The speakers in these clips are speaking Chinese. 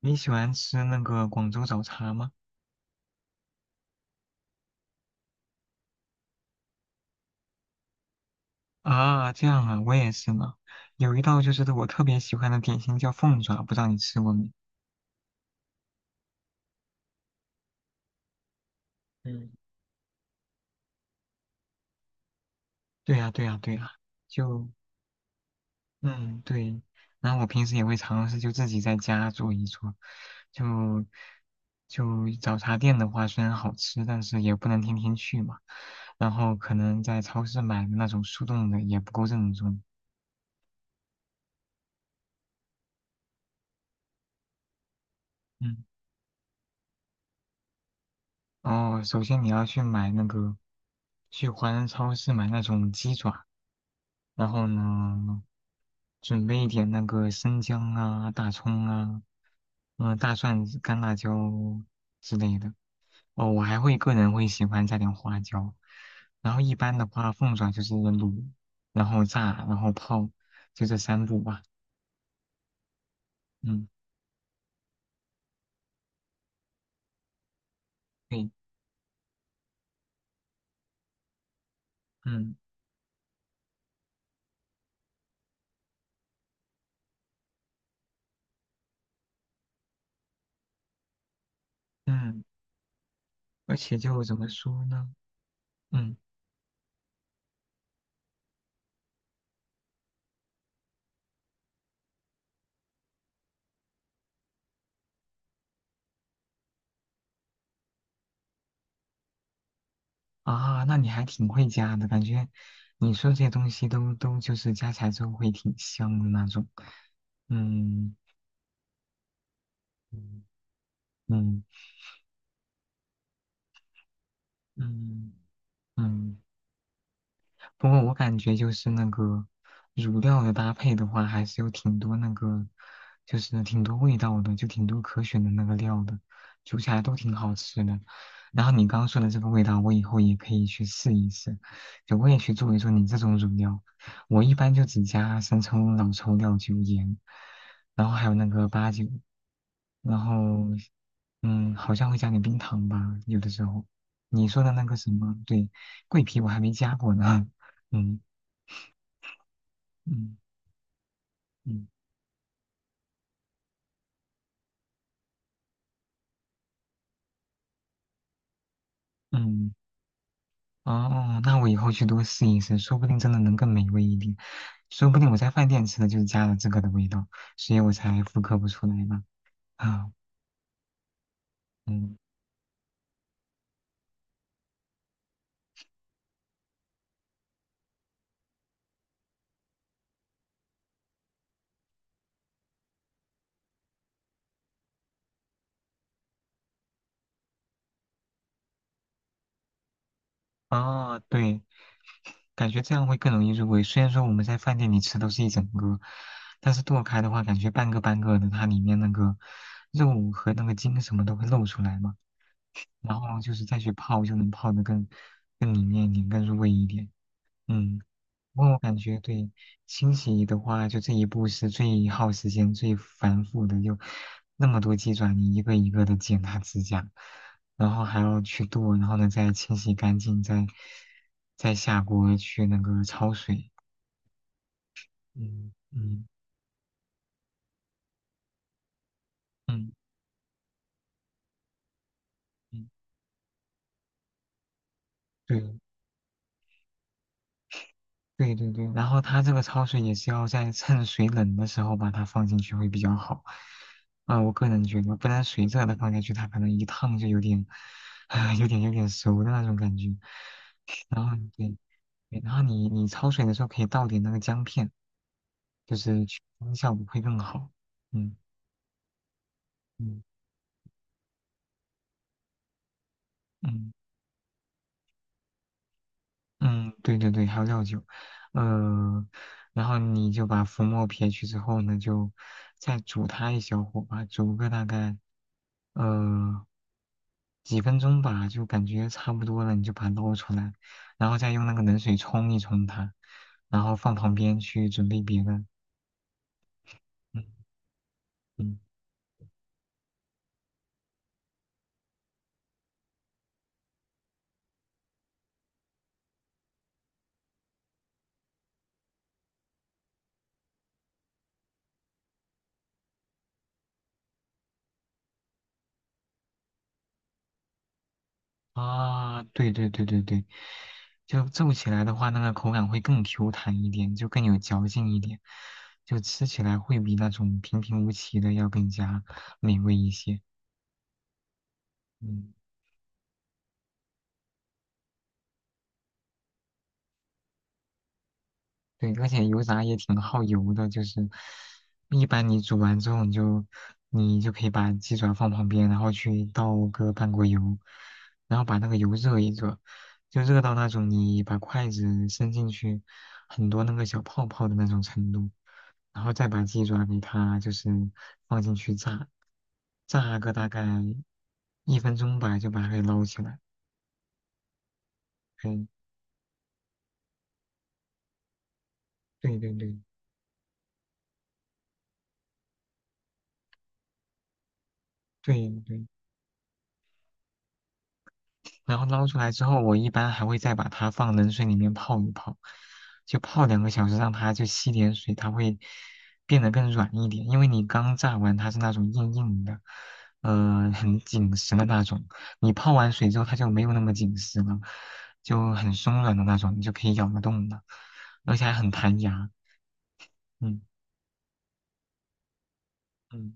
你喜欢吃那个广州早茶吗？啊，这样啊，我也是呢。有一道就是我特别喜欢的点心叫凤爪，不知道你吃过没？嗯，对呀，对呀，对呀，就嗯对，然后我平时也会尝试就自己在家做一做，就就早茶店的话虽然好吃，但是也不能天天去嘛，然后可能在超市买的那种速冻的也不够正宗，嗯。哦，首先你要去买那个，去华人超市买那种鸡爪，然后呢，准备一点那个生姜啊、大葱啊、大蒜、干辣椒之类的。哦，我还会个人会喜欢加点花椒，然后一般的话，凤爪就是卤，然后炸，然后泡，就这三步吧。嗯，对，嗯嗯，而且就怎么说呢？嗯。啊，那你还挺会加的，感觉你说这些东西都就是加起来之后会挺香的那种。嗯嗯嗯嗯嗯，不过我感觉就是那个乳料的搭配的话，还是有挺多那个，就是挺多味道的，就挺多可选的那个料的，煮起来都挺好吃的。然后你刚刚说的这个味道，我以后也可以去试一试，就我也去做一做你这种乳料。我一般就只加生抽、老抽、料酒、盐，然后还有那个八九，然后好像会加点冰糖吧，有的时候。你说的那个什么，对，桂皮我还没加过呢。嗯嗯嗯嗯，哦，那我以后去多试一试，说不定真的能更美味一点。说不定我在饭店吃的就是加了这个的味道，所以我才复刻不出来呢。啊，嗯，哦，对，感觉这样会更容易入味。虽然说我们在饭店里吃都是一整个，但是剁开的话，感觉半个半个的，它里面那个肉和那个筋什么都会露出来嘛。然后就是再去泡，就能泡得更里面一点，更入味一点。嗯。不过我感觉对清洗的话，就这一步是最耗时间、最繁复的，就那么多鸡爪，你一个一个的剪它指甲，然后还要去剁，然后呢再清洗干净，再下锅去那个焯水。嗯嗯嗯嗯，对，对对对，然后它这个焯水也是要在趁水冷的时候把它放进去会比较好。啊、我个人觉得，不然水热的放下去，它可能一烫就有点，啊、有点熟的那种感觉。然后对，对然后你焯水的时候可以倒点那个姜片，就是去腥效果会更好。嗯嗯嗯。嗯，对对对，还有料酒，呃，然后你就把浮沫撇去之后呢，就再煮它一小会儿吧，煮个大概呃几分钟吧，就感觉差不多了，你就把它捞出来，然后再用那个冷水冲一冲它，然后放旁边去准备别的。嗯嗯。啊，对对对对对，就皱起来的话，那个口感会更 Q 弹一点，就更有嚼劲一点，就吃起来会比那种平平无奇的要更加美味一些。嗯。对，而且油炸也挺耗油的，就是一般你煮完之后，你就可以把鸡爪放旁边，然后去倒个半锅油，然后把那个油热一热，就热到那种你把筷子伸进去很多那个小泡泡的那种程度，然后再把鸡爪给它就是放进去炸，炸个大概1分钟吧，就把它给捞起来。嗯，对对对对对。然后捞出来之后，我一般还会再把它放冷水里面泡一泡，就泡2个小时，让它就吸点水，它会变得更软一点。因为你刚炸完，它是那种硬硬的，很紧实的那种。你泡完水之后，它就没有那么紧实了，就很松软的那种，你就可以咬得动的，而且还很弹牙。嗯嗯。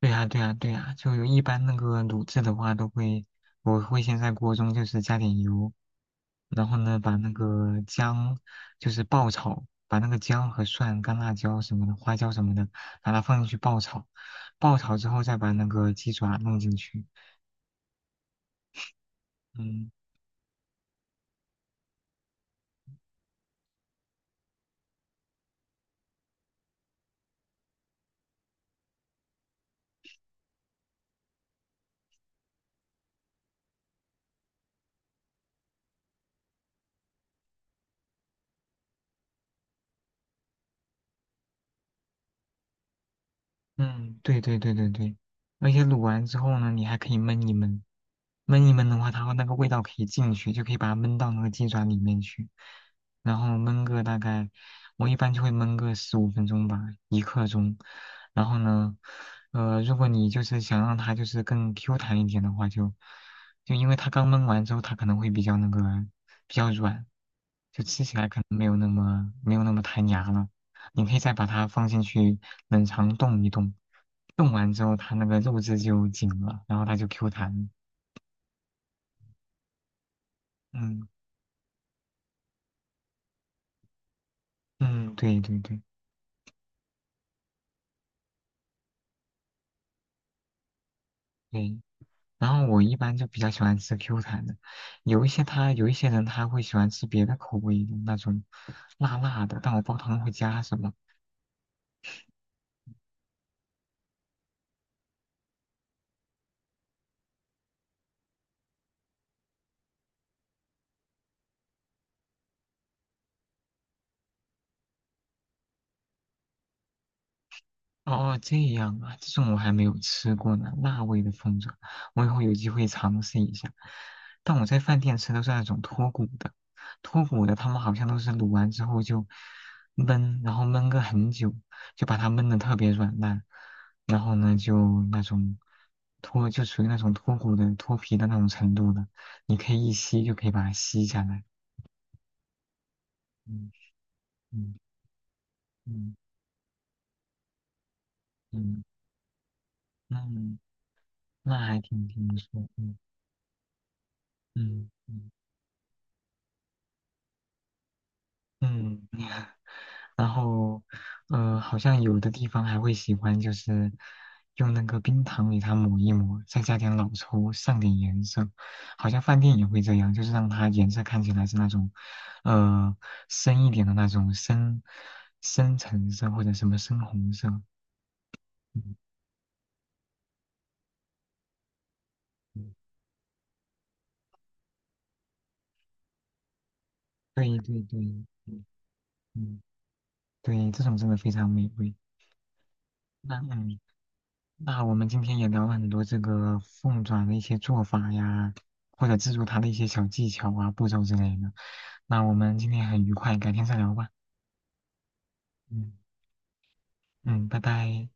对呀，对呀，对呀，就一般那个卤制的话，都会，我会先在锅中就是加点油，然后呢，把那个姜就是爆炒，把那个姜和蒜、干辣椒什么的、花椒什么的，把它放进去爆炒，爆炒之后再把那个鸡爪弄进去，嗯。嗯，对对对对对，而且卤完之后呢，你还可以焖一焖，焖一焖的话，它会那个味道可以进去，就可以把它焖到那个鸡爪里面去，然后焖个大概，我一般就会焖个15分钟吧，一刻钟。然后呢，如果你就是想让它就是更 Q 弹一点的话就，就因为它刚焖完之后，它可能会比较那个比较软，就吃起来可能没有那么弹牙了。你可以再把它放进去冷藏冻一冻，冻完之后它那个肉质就紧了，然后它就 Q 弹。嗯嗯，对对对对。然后我一般就比较喜欢吃 Q 弹的，有一些人他会喜欢吃别的口味的那种辣辣的，但我不知道他们会加什么。哦，这样啊，这种我还没有吃过呢，辣味的凤爪，我以后有机会尝试一下。但我在饭店吃都是那种脱骨的，脱骨的他们好像都是卤完之后就焖，然后焖个很久，就把它焖的特别软烂，然后呢就那种就属于那种脱骨的脱皮的那种程度的，你可以一吸就可以把它吸下来。嗯嗯嗯嗯，那那还挺不错，嗯嗯。嗯嗯，然后，好像有的地方还会喜欢，就是用那个冰糖给它抹一抹，再加点老抽，上点颜色。好像饭店也会这样，就是让它颜色看起来是那种，呃，深一点的那种深橙色或者什么深红色。嗯，嗯对对对，嗯嗯，对，这种真的非常美味。那嗯，那我们今天也聊了很多这个凤爪的一些做法呀，或者制作它的一些小技巧啊、步骤之类的。那我们今天很愉快，改天再聊吧。嗯嗯，拜拜。